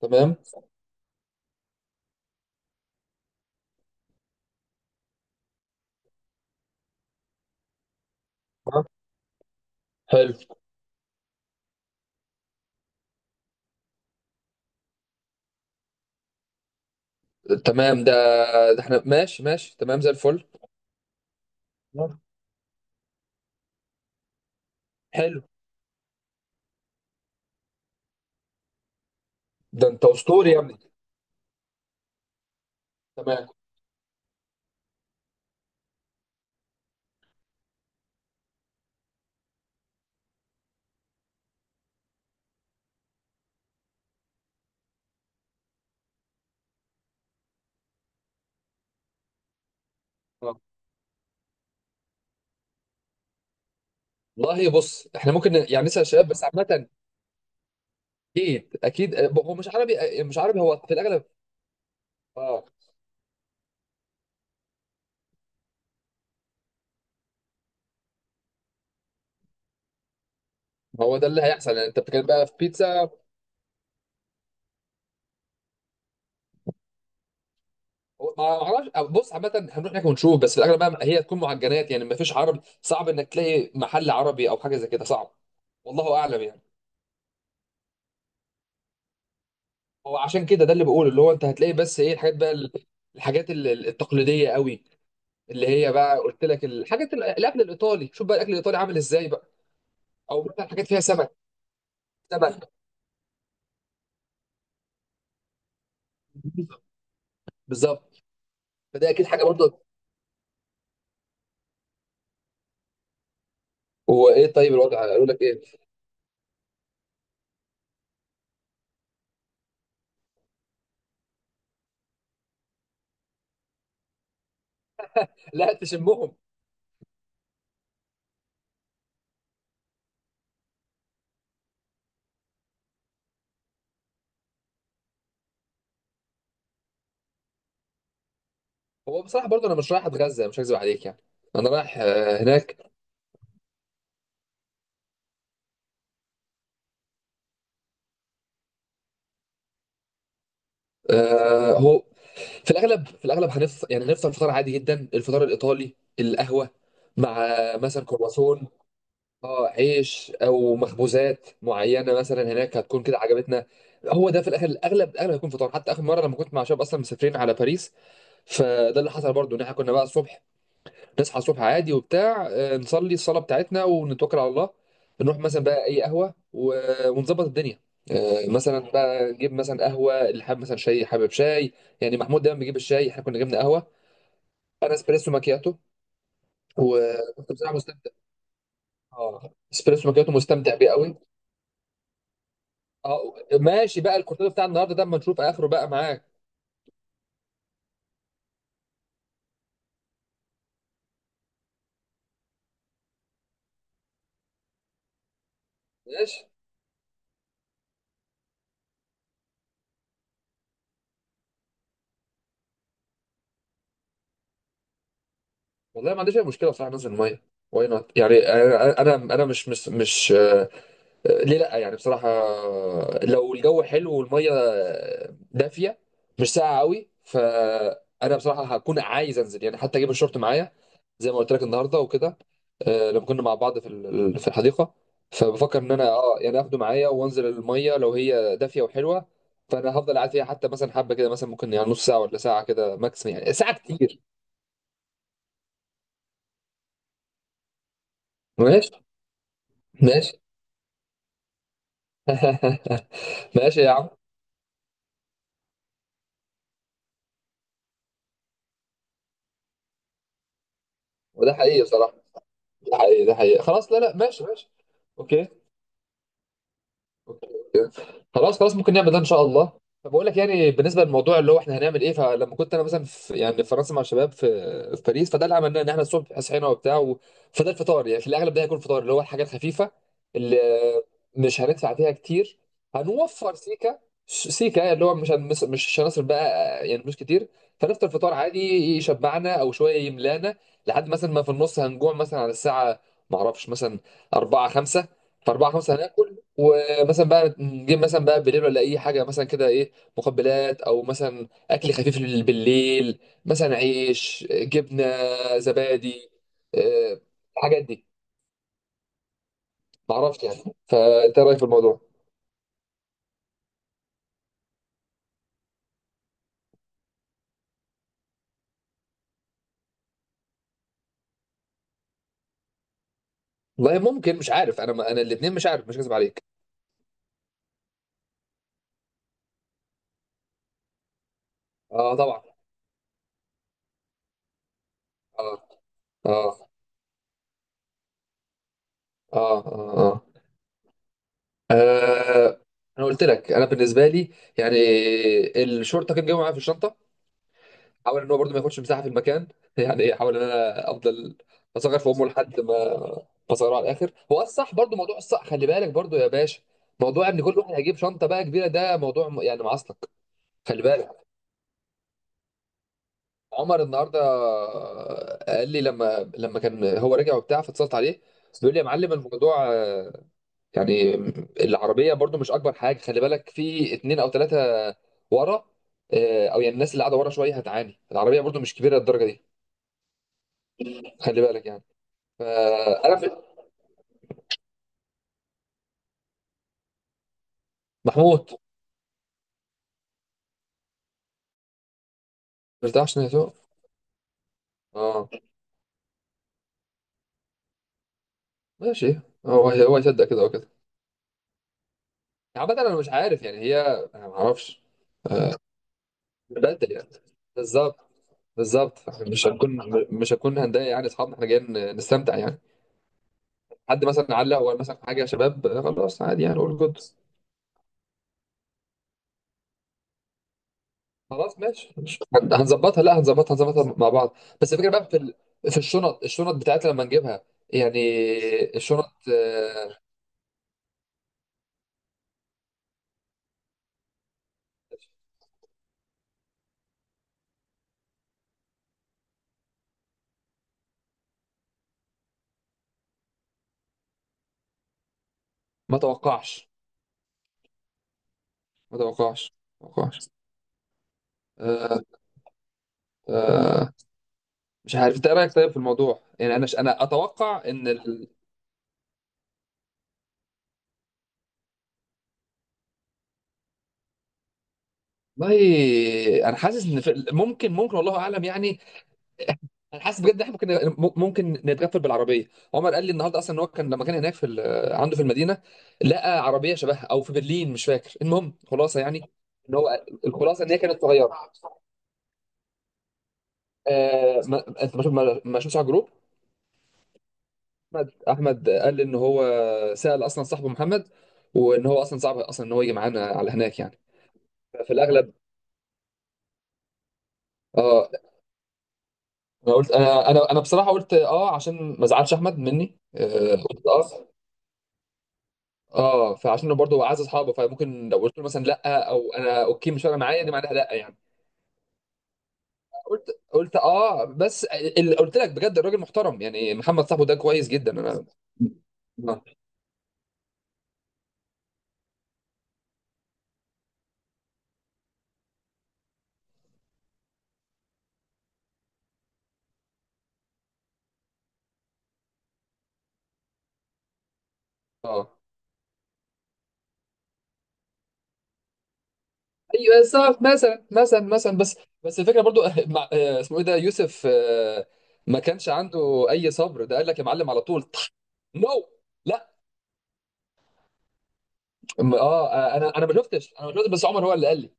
تمام. حلو. تمام، ده احنا ماشي ماشي تمام زي الفل. نعم. حلو. ده انت اسطوري يا ابني. تمام. آه. والله بص احنا ممكن يعني نسال الشباب بس عامه. اكيد اكيد، هو مش عربي، مش عربي هو في الاغلب. اه هو ده اللي هيحصل يعني انت بتتكلم بقى في بيتزا. ما اعرفش، بص عامه هنروح هناك ونشوف بس في الاغلب بقى هي تكون معجنات يعني ما فيش عربي صعب انك تلاقي محل عربي او حاجه زي كده صعب. والله اعلم يعني. هو عشان كده ده اللي بقوله اللي هو انت هتلاقي بس ايه الحاجات بقى الحاجات التقليديه قوي اللي هي بقى قلت لك الحاجات الاكل الايطالي شوف بقى الاكل الايطالي عامل ازاي بقى. او مثلا حاجات فيها سمك. سمك. بالظبط. فده اكيد حاجه برضه. هو ايه طيب الوضع قالوا لك ايه؟ لا تشمهم. هو بصراحه برضه انا مش رايح اتغذى مش هكذب عليك يعني. انا رايح، هناك. هو في الاغلب في الاغلب هنفطر يعني هنفطر فطار عادي جدا الفطار الايطالي القهوه مع مثلا كرواسون. اه عيش او مخبوزات معينه مثلا هناك هتكون كده عجبتنا. هو ده في الاخر الاغلب الاغلب هيكون فطار حتى اخر مره لما كنت مع شباب اصلا مسافرين على باريس. فده اللي حصل برضو ان احنا كنا بقى الصبح نصحى الصبح عادي وبتاع، نصلي الصلاه بتاعتنا ونتوكل على الله. نروح مثلا بقى اي قهوه ونظبط الدنيا. مثلا بقى نجيب مثلا قهوه اللي حابب مثلا شاي حابب شاي يعني محمود دايما بيجيب الشاي احنا كنا جبنا قهوه. انا اسبريسو ماكياتو وكنت بصراحه مستمتع. اه اسبريسو ماكياتو مستمتع بيه قوي. اه ماشي بقى الكورتين بتاع النهارده ده اما نشوف اخره بقى معاك. ماشي. والله ما عنديش اي مشكله بصراحه انزل الميه واي نوت يعني انا انا أنا مش ليه لا يعني بصراحة، لو الجو حلو والمية دافية مش ساقعة قوي فأنا بصراحة هكون عايز أنزل يعني حتى أجيب الشورت معايا زي ما قلت لك النهاردة وكده. لما كنا مع بعض في في الحديقة فبفكر إن أنا يعني آخده معايا وأنزل المية لو هي دافية وحلوة. فأنا هفضل قاعد فيها حتى مثلا حبة كده مثلا ممكن يعني نص ساعة ولا ساعة كده ماكسيمم يعني ساعة كتير. ماشي ماشي. ماشي يا عم. وده حقيقي بصراحة. ده حقيقي ده حقيقي خلاص لا لا ماشي ماشي. اوكي اوكي اوكي خلاص خلاص ممكن نعمل ده ان شاء الله. طب بقول لك يعني بالنسبه للموضوع اللي هو احنا هنعمل ايه فلما كنت انا مثلا في يعني في فرنسا مع الشباب في في باريس فده اللي عملناه ان احنا الصبح صحينا وبتاع فده الفطار يعني في الاغلب ده هيكون فطار اللي هو الحاجه الخفيفه اللي مش هندفع فيها كتير. هنوفر سيكا. سيكا اللي هو مش هنصرف بقى يعني فلوس كتير. فنفطر فطار عادي يشبعنا او شويه يملانا لحد مثلا ما في النص هنجوع مثلا على الساعه ما اعرفش مثلا 4 5 في 4 5 هناكل. مثلا بقى نجيب مثلا بقى بالليل ولا اي حاجه مثلا كده ايه، مقبلات او مثلا اكل خفيف بالليل مثلا عيش جبنه زبادي، آه، الحاجات دي. معرفش يعني. فانت إيه رايك في الموضوع؟ والله ممكن مش عارف انا ما انا الاثنين مش عارف مش كذب عليك. اه طبعا اه اه اه آه. انا قلت لك انا بالنسبه لي يعني الشورت كان جاي معايا في الشنطه. حاول ان هو برضه ما ياخدش مساحه في المكان يعني ايه حاول ان انا افضل اصغر في امه لحد ما اصغره على الاخر هو الصح برضه موضوع الصح خلي بالك برضه يا باشا. موضوع ان كل واحد هيجيب شنطه بقى كبيره ده موضوع يعني معصلك. خلي بالك. عمر النهارده قال لي لما كان هو راجع وبتاع فاتصلت عليه بيقول لي يا معلم الموضوع، يعني العربيه برضه مش اكبر حاجه خلي بالك في اتنين او ثلاثه ورا، او يعني الناس اللي قاعده ورا شويه هتعاني العربيه برضه مش كبيره للدرجه دي. خلي بالك يعني. فانا في... محمود. مش ده عشان يسوع. اه ماشي. هو هو يصدق كده وكده يعني عامة انا مش عارف يعني هي انا ما اعرفش. آه، بدل يعني. بالظبط. بالظبط إحنا مش هنكون هنضايق يعني اصحابنا احنا جايين نستمتع يعني. حد مثلا علق وقال مثلا حاجه يا شباب، خلاص عادي يعني قول جود. خلاص ماشي مش هن- هنظبطها لا هنظبطها هنظبطها مع بعض. بس الفكره بقى في في الشنط الشنط بتاعتنا لما نجيبها يعني الشنط، ما توقعش. ما توقعش. ما توقعش. آه، آه، مش عارف انت إيه رايك طيب في الموضوع يعني انا اتوقع ان والله انا حاسس ان ممكن ممكن والله اعلم يعني. انا حاسس بجد ان احنا ممكن ممكن نتغفل بالعربيه. عمر قال لي النهارده اصلا ان هو كان لما كان هناك في عنده في المدينه لقى عربيه شبهها او في برلين مش فاكر المهم خلاصه يعني ان هو الخلاصه ان هي كانت صغيره. ما انت ما شوف- ما- ما شفتش على الجروب. احمد قال لي ان هو سال اصلا صاحبه محمد وان هو اصلا صعب اصلا ان هو يجي معانا على هناك يعني. في الاغلب اه. انا قلت انا بصراحه قلت اه عشان ما ازعلش احمد مني، قلت اه. اه فعشان برضه هو عايز اصحابه فممكن لو قلت له مثلا لا او انا اوكي مش فارقه معايا دي معناها لا يعني. قلت اه بس اللي قلت لك بجد الراجل محترم يعني محمد صاحبه ده كويس جدا انا. اه آه. ايوه صح مثلا مثلا مثلا بس بس الفكره برضو مع، اسمه ايه ده يوسف، ما كانش عنده اي صبر ده قال لك يا معلم على طول. نو. اه انا ما شفتش بس عمر هو اللي قال لي.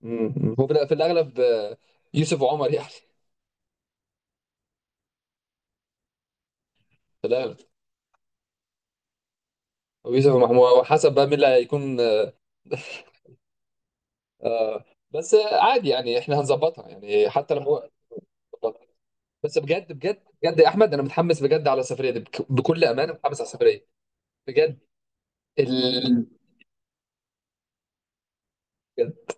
مم. هو في في الاغلب، يوسف وعمر يعني. في الاغلب ويوسف ومحمود وحسب بقى مين اللي هيكون آه. بس، عادي يعني احنا هنظبطها يعني حتى لما هو بس بجد بجد بجد يا احمد انا متحمس بجد على السفريه دي بكل امانه متحمس على السفريه. بجد ال... بجد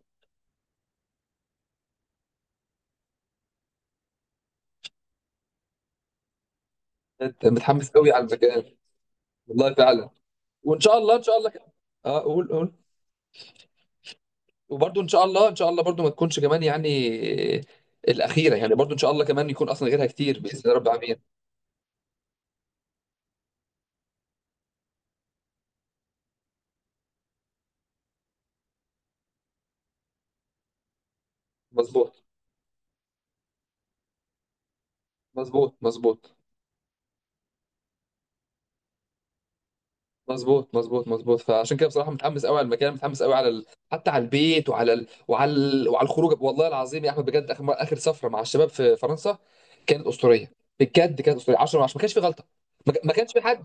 متحمس قوي على المكان والله فعلا وان شاء الله ان شاء الله كده. اه قول قول. وبرضه ان شاء الله ان شاء الله برضه ما تكونش كمان يعني الاخيره يعني برضه ان شاء الله كمان يكون اصلا غيرها كتير باذن الله رب العالمين. مظبوط مظبوط مظبوط مظبوط مظبوط مظبوط. فعشان كده بصراحه متحمس قوي على المكان متحمس قوي على حتى على البيت وعلى وعلى وعلى الخروج والله العظيم يا احمد بجد اخر اخر سفره مع الشباب في فرنسا كانت اسطوريه. بجد كانت اسطوريه 10 من 10 ما كانش في غلطه. ما كانش في حد،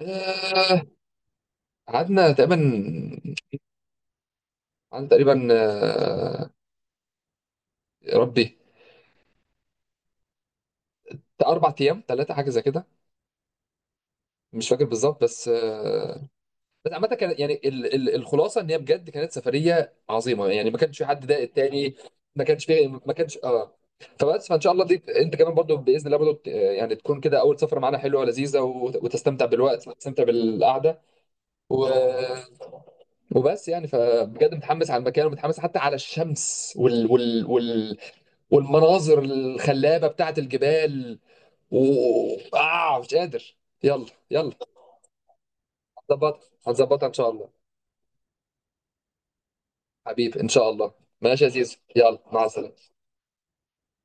آه، قعدنا تقريبا. قعدنا تقريبا، يا ربي بتاع اربع ايام ثلاثه حاجه زي كده. مش فاكر بالظبط بس، بس عامة كان يعني الخلاصة ان هي بجد كانت سفرية عظيمة يعني ما كانش في حد ضايق التاني. ما كانش فيه ما كانش اه. فبس فان شاء الله دي انت كمان برضو باذن الله برضو يعني تكون كده اول سفرة معانا حلوة ولذيذة وتستمتع بالوقت وتستمتع بالقعدة. و... وبس يعني فبجد متحمس على المكان ومتحمس حتى على الشمس والمناظر الخلابة بتاعت الجبال. و... آه مش قادر. يلا. يلا هنظبطها هنظبطها ان شاء الله. حبيبي ان شاء الله. ماشي يا زيزو يلا مع السلامه.